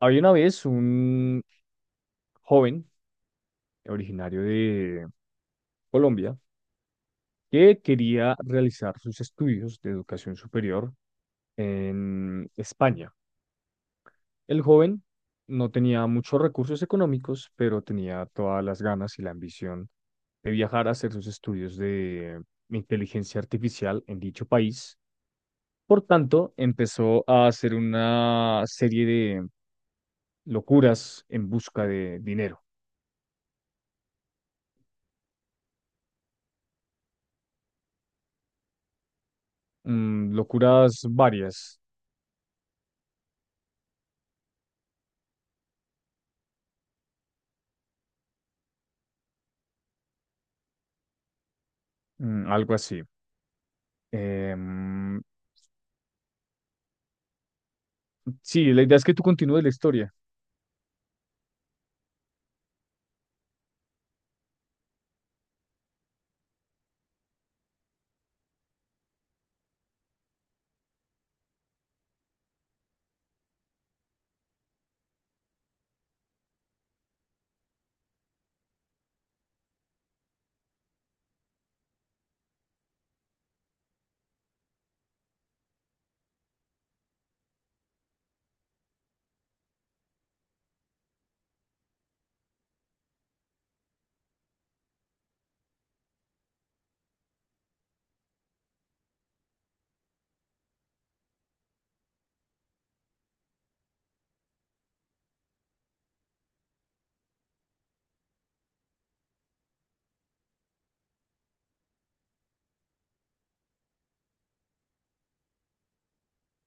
Había una vez un joven originario de Colombia que quería realizar sus estudios de educación superior en España. El joven no tenía muchos recursos económicos, pero tenía todas las ganas y la ambición de viajar a hacer sus estudios de inteligencia artificial en dicho país. Por tanto, empezó a hacer una serie de locuras en busca de dinero. Locuras varias. Algo así. Em, sí, la idea es que tú continúes la historia.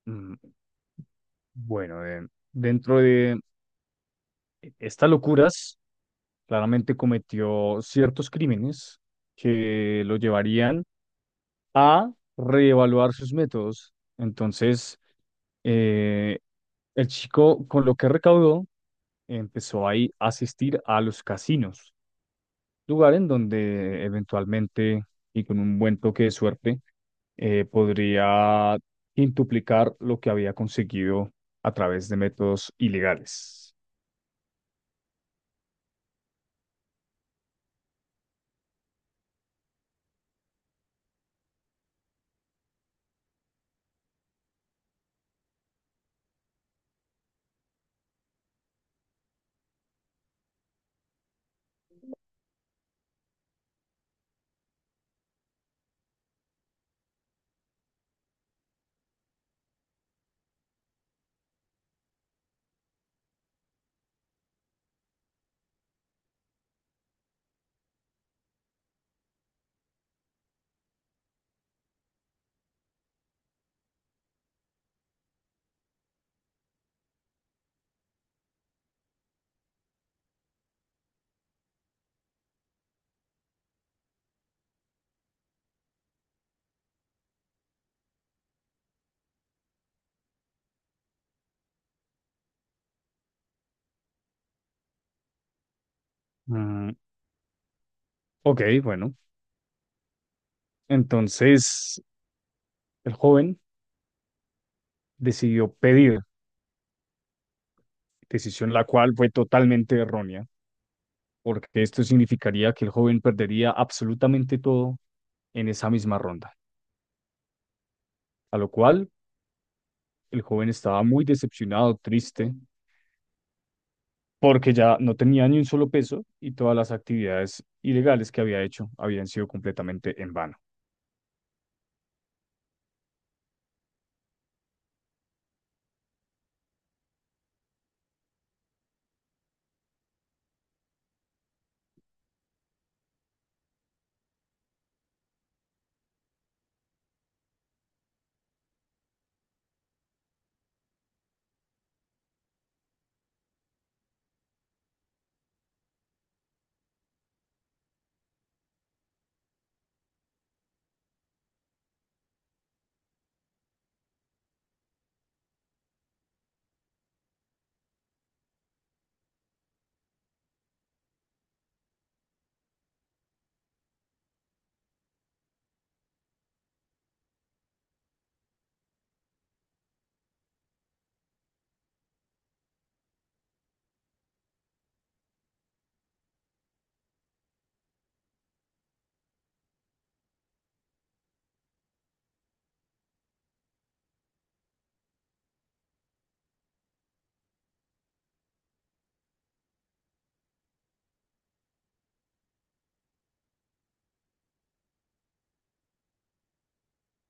Mm, bueno, dentro de estas locuras, claramente cometió ciertos crímenes que lo llevarían a reevaluar sus métodos. Entonces, eh, el chico, con lo que recaudó, empezó ahí a asistir a los casinos, lugar en donde eventualmente, y con un buen toque de suerte, podría quintuplicar lo que había conseguido a través de métodos ilegales. Mm, ok, bueno. Entonces, el joven decidió pedir, decisión la cual fue totalmente errónea, porque esto significaría que el joven perdería absolutamente todo en esa misma ronda, a lo cual el joven estaba muy decepcionado, triste, porque ya no tenía ni un solo peso y todas las actividades ilegales que había hecho habían sido completamente en vano.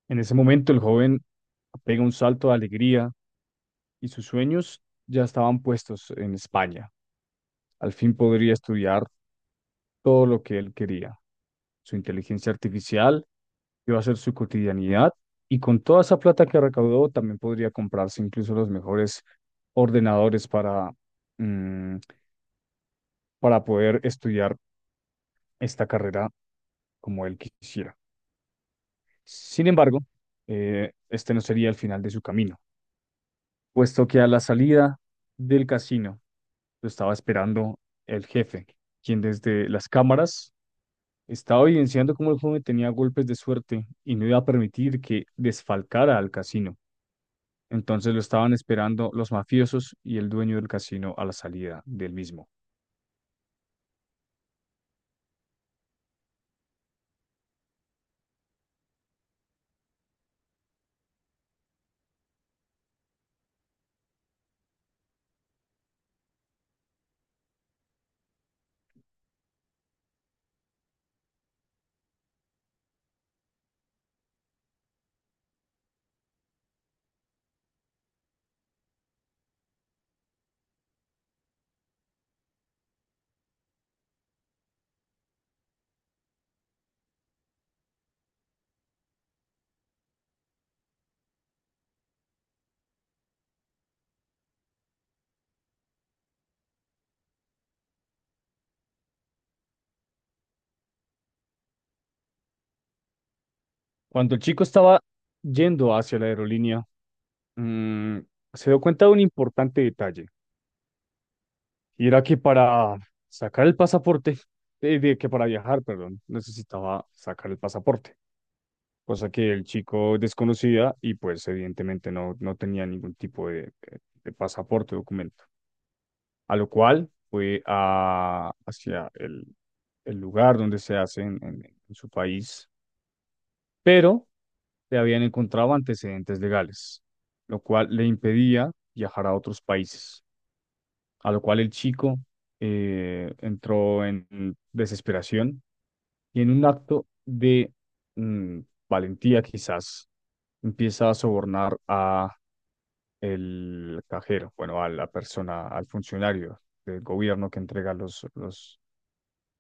En ese momento el joven pega un salto de alegría y sus sueños ya estaban puestos en España. Al fin podría estudiar todo lo que él quería. Su inteligencia artificial iba a ser su cotidianidad y con toda esa plata que recaudó también podría comprarse incluso los mejores ordenadores para, mm, para poder estudiar esta carrera como él quisiera. Sin embargo, este no sería el final de su camino, puesto que a la salida del casino lo estaba esperando el jefe, quien desde las cámaras estaba evidenciando cómo el joven tenía golpes de suerte y no iba a permitir que desfalcara al casino. Entonces lo estaban esperando los mafiosos y el dueño del casino a la salida del mismo. Cuando el chico estaba yendo hacia la aerolínea, mm, se dio cuenta de un importante detalle, y era que para sacar el pasaporte, que para viajar, perdón, necesitaba sacar el pasaporte. Cosa que el chico desconocía y pues evidentemente no, no tenía ningún tipo de pasaporte o documento. A lo cual fue hacia el lugar donde se hace en su país, pero le habían encontrado antecedentes legales, lo cual le impedía viajar a otros países, a lo cual el chico entró en desesperación y en un acto de mm, valentía quizás empieza a sobornar a el cajero, bueno, a la persona, al funcionario del gobierno que entrega los, los,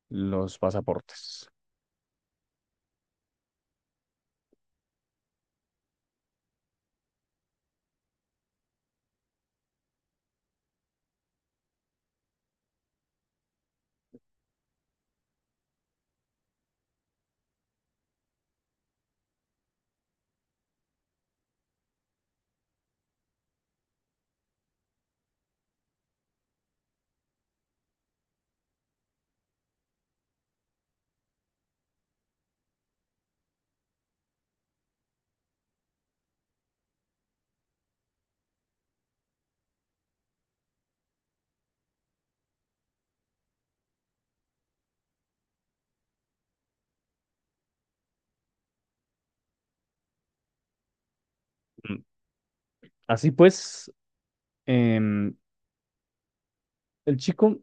los pasaportes. Mm. Así pues, em, el chico,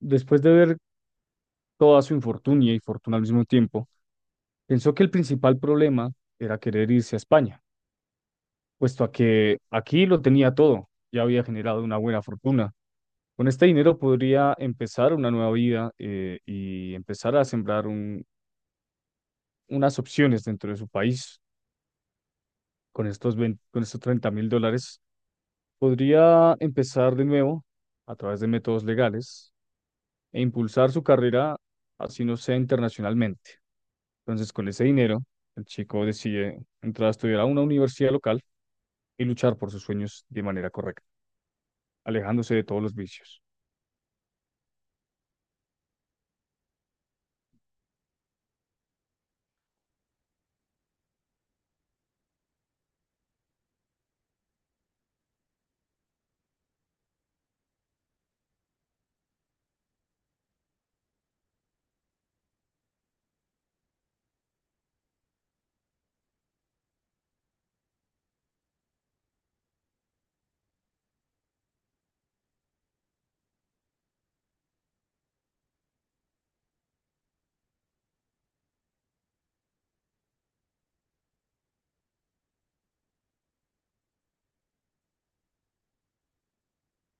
después de ver toda su infortunia y fortuna al mismo tiempo, pensó que el principal problema era querer irse a España, puesto a que aquí lo tenía todo, ya había generado una buena fortuna. Con este dinero podría empezar una nueva vida y empezar a sembrar unas opciones dentro de su país. Con estos $30,000 podría empezar de nuevo a través de métodos legales e impulsar su carrera, así no sea internacionalmente. Entonces, con ese dinero, el chico decide entrar a estudiar a una universidad local y luchar por sus sueños de manera correcta, alejándose de todos los vicios.